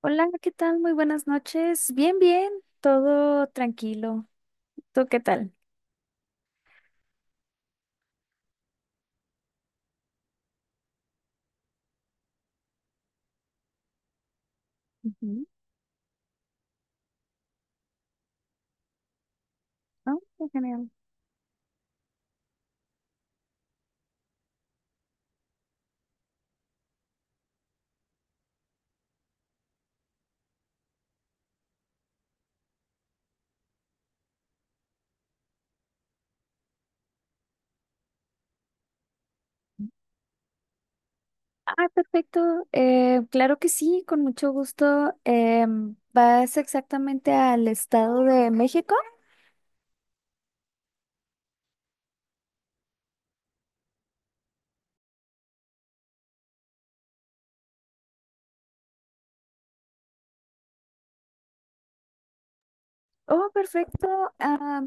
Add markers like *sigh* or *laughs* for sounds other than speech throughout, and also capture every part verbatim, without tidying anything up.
Hola, ¿qué tal? Muy buenas noches. Bien, bien, todo tranquilo. ¿Tú qué tal? Ujú. Ah, qué genial. Ah, perfecto. Eh, claro que sí, con mucho gusto. Em, ¿vas exactamente al Estado de México? Oh, perfecto. Ah,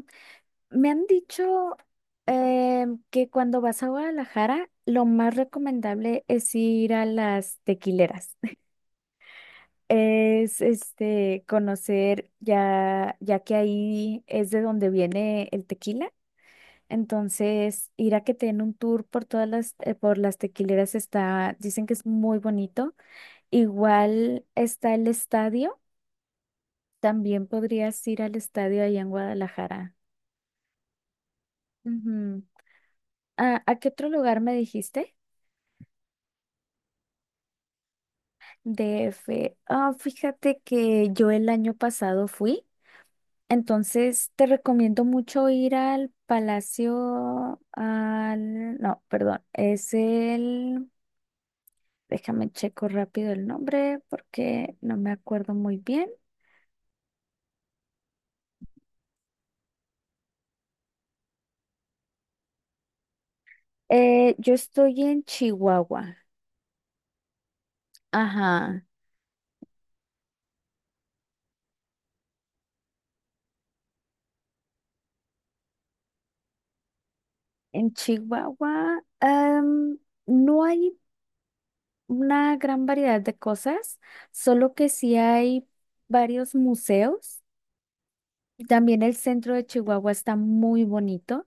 me han dicho em, que cuando vas a Guadalajara, lo más recomendable es ir a las tequileras. es este conocer ya, ya que ahí es de donde viene el tequila. Entonces, ir a que te den un tour por todas las, eh, por las tequileras está, dicen que es muy bonito. Igual está el estadio. También podrías ir al estadio allá en Guadalajara. Ujú. Ah, ¿a qué otro lugar me dijiste? D F. Ah, fíjate que yo el año pasado fui. Entonces, te recomiendo mucho ir al Palacio, al, no, perdón, es el, déjame checo rápido el nombre porque no me acuerdo muy bien. Eh, yo estoy en Chihuahua, ajá, en Chihuahua, em, no hay una gran variedad de cosas, solo que sí hay varios museos. También el centro de Chihuahua está muy bonito,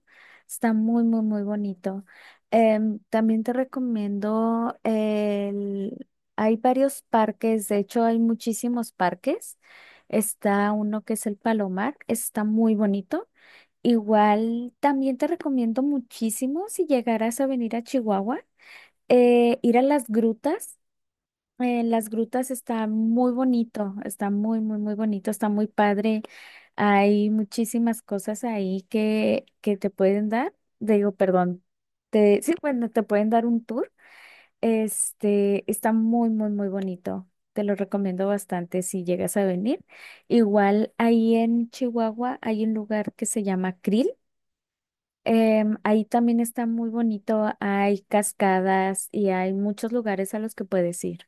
está muy, muy, muy bonito. Em, también te recomiendo el... Hay varios parques, de hecho hay muchísimos parques. Está uno que es el Palomar, está muy bonito. Igual también te recomiendo muchísimo si llegaras a venir a Chihuahua, eh, ir a las grutas. Eh, las grutas está muy bonito, está muy, muy, muy bonito, está muy padre. Hay muchísimas cosas ahí que, que te pueden dar, digo, perdón, te, sí, bueno, te pueden dar un tour. Este, está muy, muy, muy bonito. Te lo recomiendo bastante si llegas a venir. Igual ahí en Chihuahua hay un lugar que se llama Krill. Em, ahí también está muy bonito, hay cascadas y hay muchos lugares a los que puedes ir.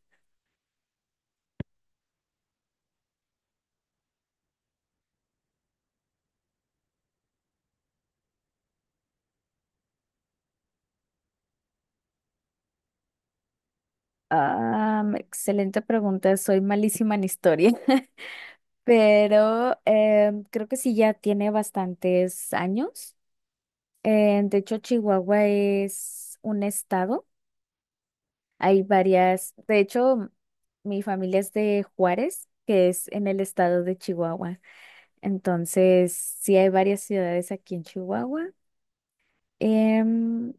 Ah, mm, excelente pregunta. Soy malísima en historia, *laughs* pero em, creo que sí ya tiene bastantes años. Eh, de hecho, Chihuahua es un estado. Hay varias. De hecho, mi familia es de Juárez, que es en el estado de Chihuahua. Entonces, sí hay varias ciudades aquí en Chihuahua. Em,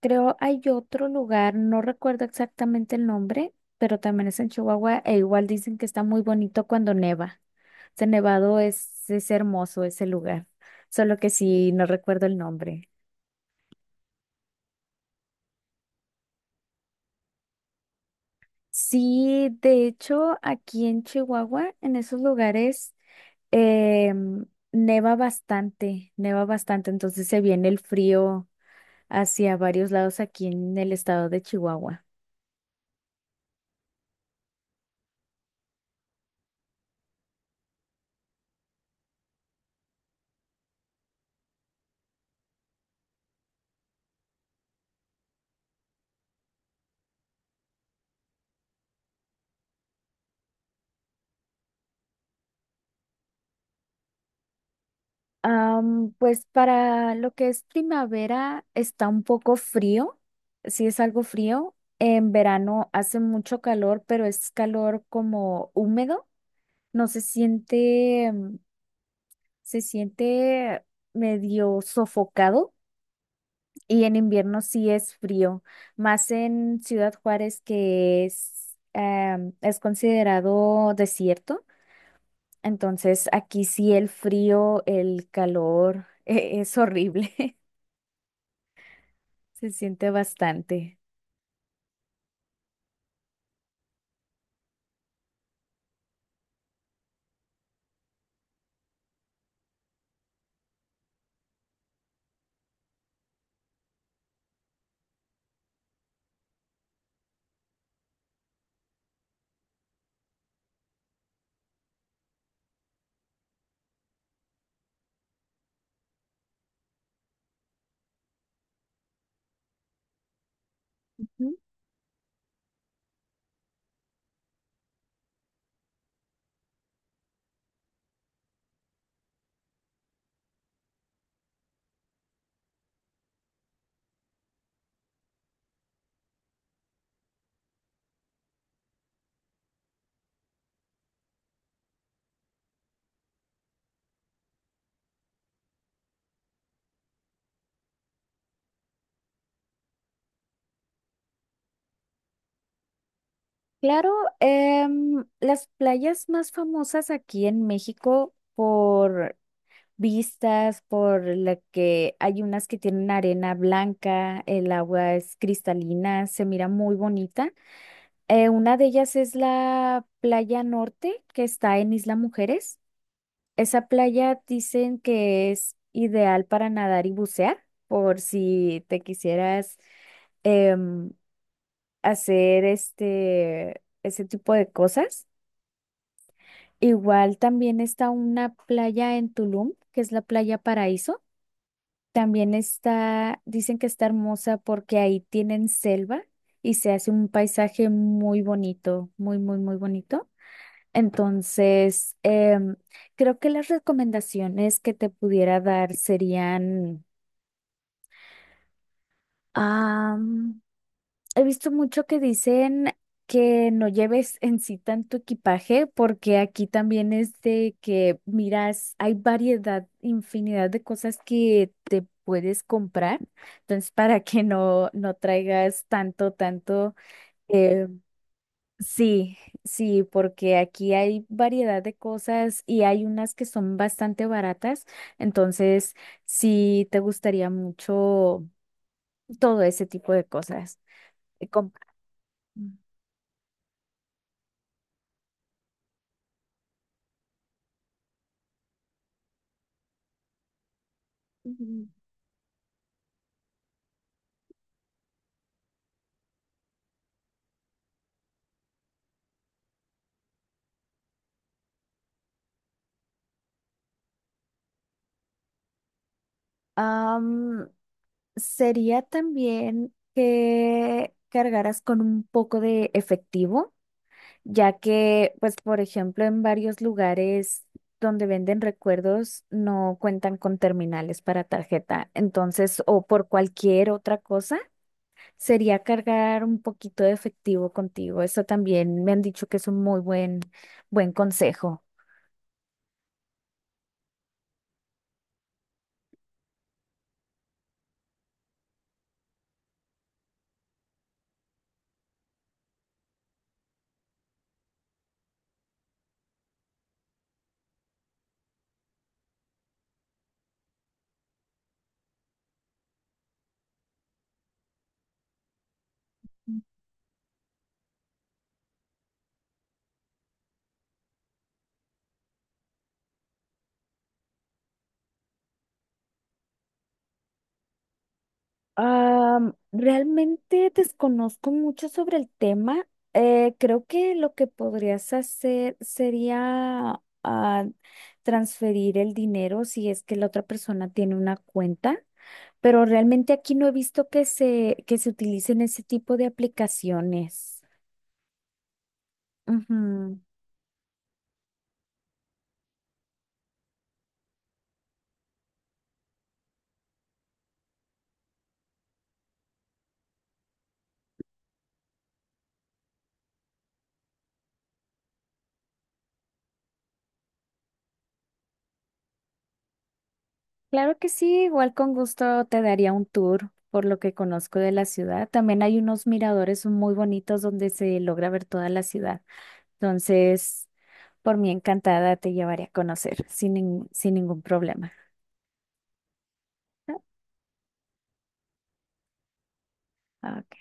Creo hay otro lugar, no recuerdo exactamente el nombre, pero también es en Chihuahua e igual dicen que está muy bonito cuando neva. Ese nevado es, es hermoso ese lugar, solo que sí, no recuerdo el nombre. Sí, de hecho, aquí en Chihuahua, en esos lugares, em, neva bastante, neva bastante, entonces se viene el frío hacia varios lados aquí en el estado de Chihuahua. Am, pues para lo que es primavera está un poco frío, sí es algo frío. En verano hace mucho calor, pero es calor como húmedo. No se siente, mm, se siente medio sofocado. Y en invierno sí es frío, más en Ciudad Juárez que es, em, es considerado desierto. Entonces aquí sí el frío, el calor, *laughs* es horrible. Se siente bastante. Ujú. Claro, em, las playas más famosas aquí en México por vistas, por la que hay unas que tienen arena blanca, el agua es cristalina, se mira muy bonita. Eh, una de ellas es la playa norte que está en Isla Mujeres. Esa playa dicen que es ideal para nadar y bucear, por si te quisieras em, hacer este, ese tipo de cosas. Igual también está una playa en Tulum, que es la playa Paraíso. También está, dicen que está hermosa porque ahí tienen selva y se hace un paisaje muy bonito, muy, muy, muy bonito. Entonces, em, creo que las recomendaciones que te pudiera dar serían, he visto mucho que dicen que no lleves en sí tanto equipaje, porque aquí también es de que miras, hay variedad, infinidad de cosas que te puedes comprar. Entonces, para que no, no traigas tanto, tanto, eh, sí, sí, porque aquí hay variedad de cosas y hay unas que son bastante baratas. Entonces, sí te gustaría mucho todo ese tipo de cosas. Eh, comprar. Am, Sería también que cargaras con un poco de efectivo, ya que, pues, por ejemplo, en varios lugares donde venden recuerdos no cuentan con terminales para tarjeta. Entonces, o por cualquier otra cosa, sería cargar un poquito de efectivo contigo. Eso también me han dicho que es un muy buen, buen consejo. Am, realmente desconozco mucho sobre el tema. Eh, creo que lo que podrías hacer sería ah, transferir el dinero si es que la otra persona tiene una cuenta, pero realmente aquí no he visto que se, que se utilicen ese tipo de aplicaciones. Ujú. Claro que sí, igual con gusto te daría un tour por lo que conozco de la ciudad. También hay unos miradores muy bonitos donde se logra ver toda la ciudad. Entonces, por mí encantada te llevaré a conocer sin, nin- sin ningún problema. ¿No? Ah, ok.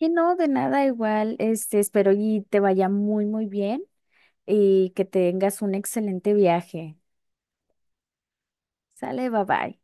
Y no, de nada, igual, este, espero y te vaya muy, muy bien y que tengas un excelente viaje. Sale, bye bye.